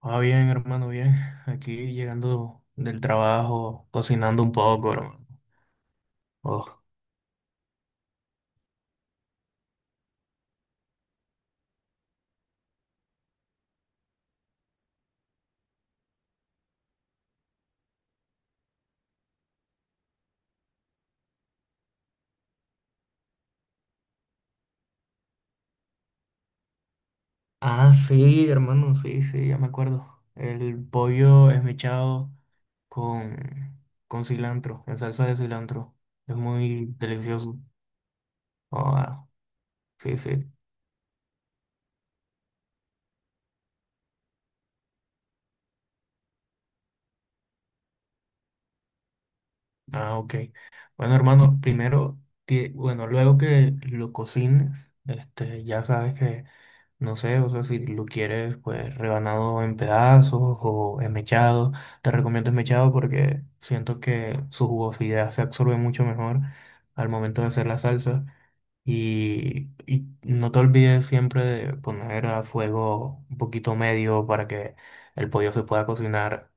Ah, bien, hermano, bien. Aquí llegando del trabajo, cocinando un poco, hermano. Oh. Ah, sí, hermano, sí, sí, ya me acuerdo. El pollo esmechado con, con cilantro, en salsa de cilantro. Es muy delicioso. Oh, ah, sí, sí. Ah, ok. Bueno, hermano, primero, bueno, luego que lo cocines, ya sabes que no sé, o sea, si lo quieres, pues rebanado en pedazos o esmechado. Te recomiendo esmechado porque siento que su jugosidad se absorbe mucho mejor al momento de hacer la salsa. Y no te olvides siempre de poner a fuego un poquito medio para que el pollo se pueda cocinar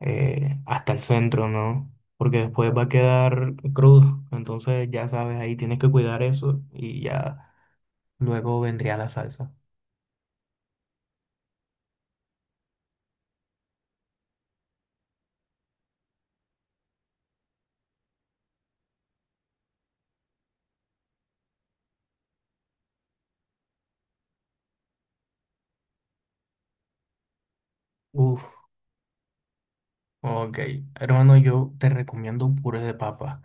hasta el centro, ¿no? Porque después va a quedar crudo. Entonces, ya sabes, ahí tienes que cuidar eso y ya luego vendría la salsa. Uf. Ok, hermano, yo te recomiendo un puré de papa.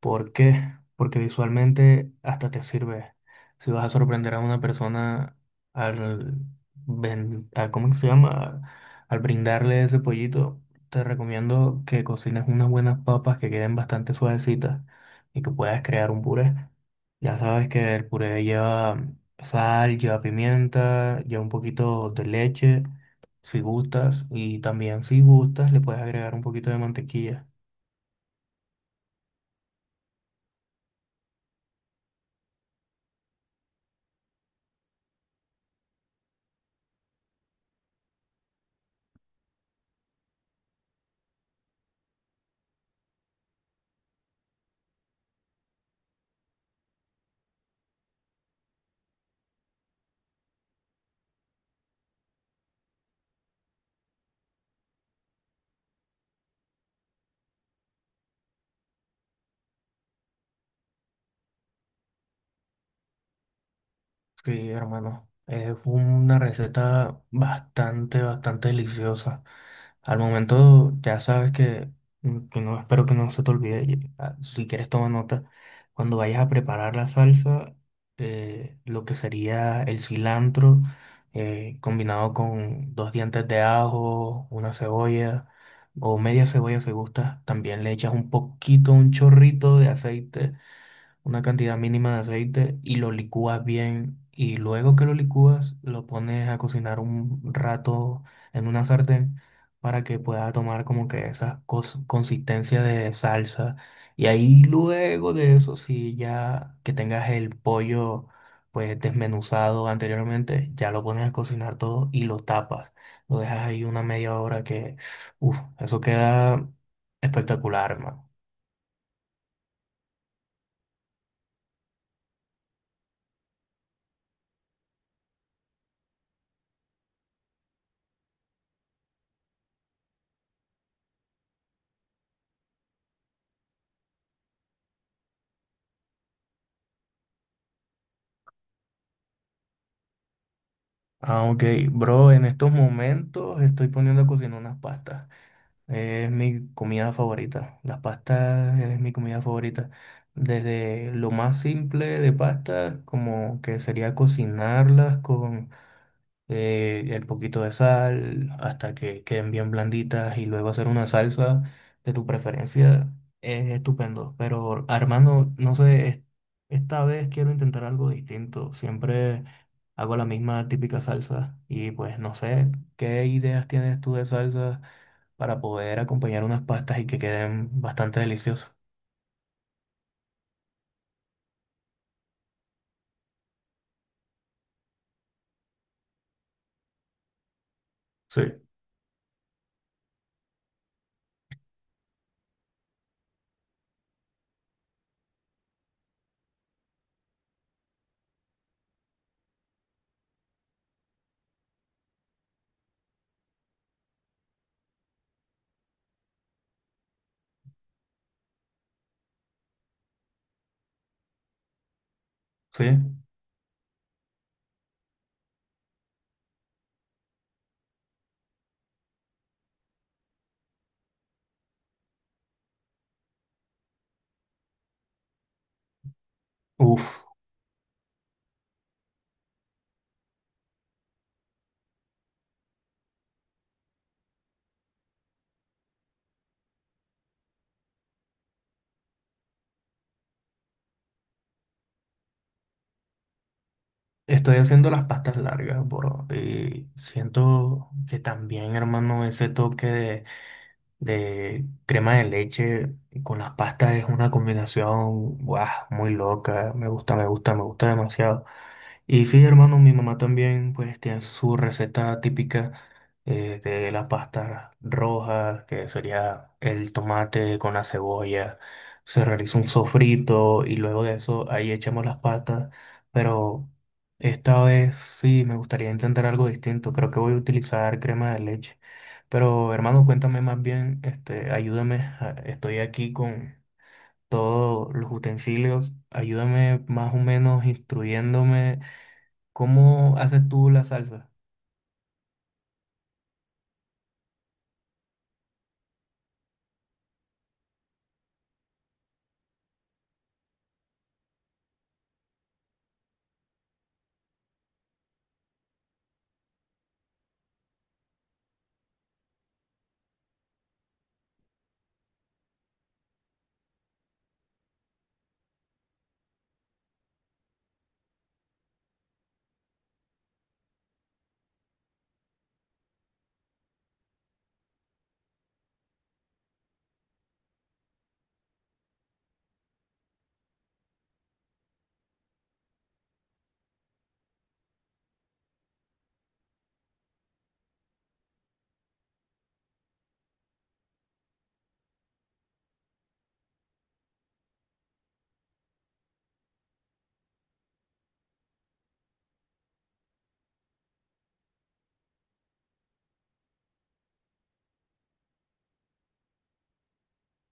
¿Por qué? Porque visualmente hasta te sirve. Si vas a sorprender a una persona al, ¿cómo que se llama? Al brindarle ese pollito, te recomiendo que cocines unas buenas papas que queden bastante suavecitas y que puedas crear un puré. Ya sabes que el puré lleva sal, lleva pimienta, lleva un poquito de leche. Si gustas, y también si gustas, le puedes agregar un poquito de mantequilla. Sí, hermano, es una receta bastante, bastante deliciosa. Al momento ya sabes que, que no espero que no se te olvide. Si quieres toma nota. Cuando vayas a preparar la salsa, lo que sería el cilantro combinado con dos dientes de ajo, una cebolla o media cebolla si gustas. También le echas un poquito, un chorrito de aceite, una cantidad mínima de aceite y lo licúas bien. Y luego que lo licúas, lo pones a cocinar un rato en una sartén para que pueda tomar como que esa consistencia de salsa. Y ahí luego de eso, si ya que tengas el pollo pues desmenuzado anteriormente, ya lo pones a cocinar todo y lo tapas. Lo dejas ahí una media hora que, uff, eso queda espectacular, hermano. Ah, ok. Bro, en estos momentos estoy poniendo a cocinar unas pastas. Es mi comida favorita. Las pastas es mi comida favorita. Desde lo más simple de pastas, como que sería cocinarlas, el poquito de sal hasta que queden bien blanditas y luego hacer una salsa de tu preferencia, es estupendo. Pero Armando, no sé, esta vez quiero intentar algo distinto. Siempre hago la misma típica salsa y pues no sé, ¿qué ideas tienes tú de salsa para poder acompañar unas pastas y que queden bastante deliciosas? Sí. ¿Sí? Uf. Estoy haciendo las pastas largas, bro. Y siento que también, hermano, ese toque de crema de leche con las pastas es una combinación, guau, muy loca. Me gusta, me gusta, me gusta demasiado. Y sí, hermano, mi mamá también pues tiene su receta típica, de la pasta roja, que sería el tomate con la cebolla. Se realiza un sofrito y luego de eso ahí echamos las patas. Pero esta vez sí me gustaría intentar algo distinto. Creo que voy a utilizar crema de leche. Pero hermano, cuéntame más bien, ayúdame. Estoy aquí con todos los utensilios. Ayúdame más o menos instruyéndome, ¿cómo haces tú la salsa?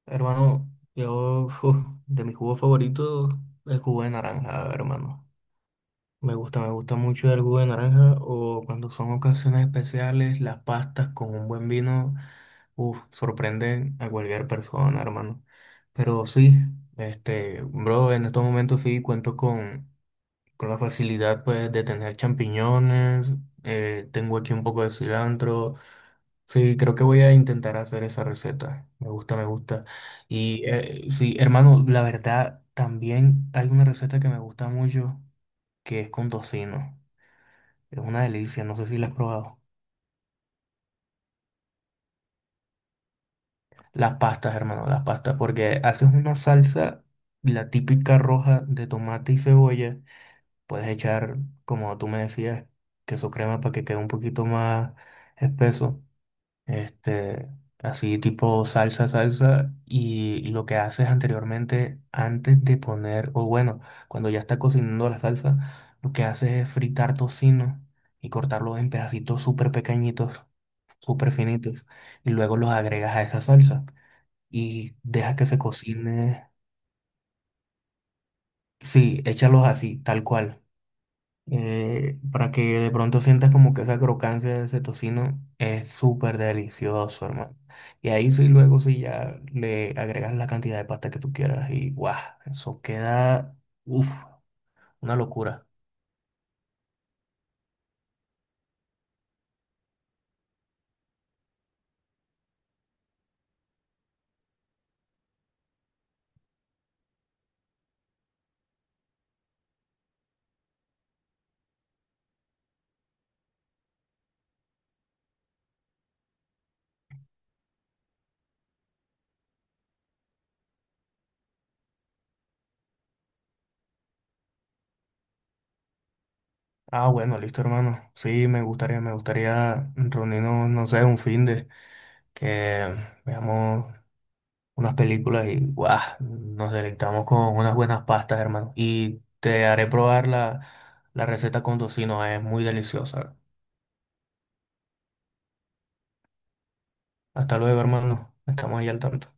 Hermano, yo, uf, de mi jugo favorito, el jugo de naranja, hermano. Me gusta mucho el jugo de naranja o cuando son ocasiones especiales, las pastas con un buen vino, uf, sorprenden a cualquier persona, hermano. Pero sí, bro, en estos momentos sí cuento con la facilidad, pues, de tener champiñones, tengo aquí un poco de cilantro. Sí, creo que voy a intentar hacer esa receta. Me gusta, me gusta. Y sí, hermano, la verdad, también hay una receta que me gusta mucho, que es con tocino. Es una delicia, no sé si la has probado. Las pastas, hermano, las pastas, porque haces una salsa, la típica roja de tomate y cebolla. Puedes echar, como tú me decías, queso crema para que quede un poquito más espeso. Este, así tipo salsa, salsa. Y lo que haces anteriormente, antes de poner, o bueno, cuando ya está cocinando la salsa, lo que haces es fritar tocino y cortarlo en pedacitos súper pequeñitos, súper finitos. Y luego los agregas a esa salsa y dejas que se cocine. Sí, échalos así, tal cual. Para que de pronto sientas como que esa crocancia de ese tocino es súper delicioso, hermano. Y ahí sí, luego sí ya le agregas la cantidad de pasta que tú quieras y guau, eso queda, uff, una locura. Ah, bueno, listo, hermano. Sí, me gustaría reunirnos, no sé, un fin de que veamos unas películas y guau, nos deleitamos con unas buenas pastas, hermano. Y te haré probar la, la receta con tocino, es muy deliciosa. Hasta luego, hermano. Estamos ahí al tanto.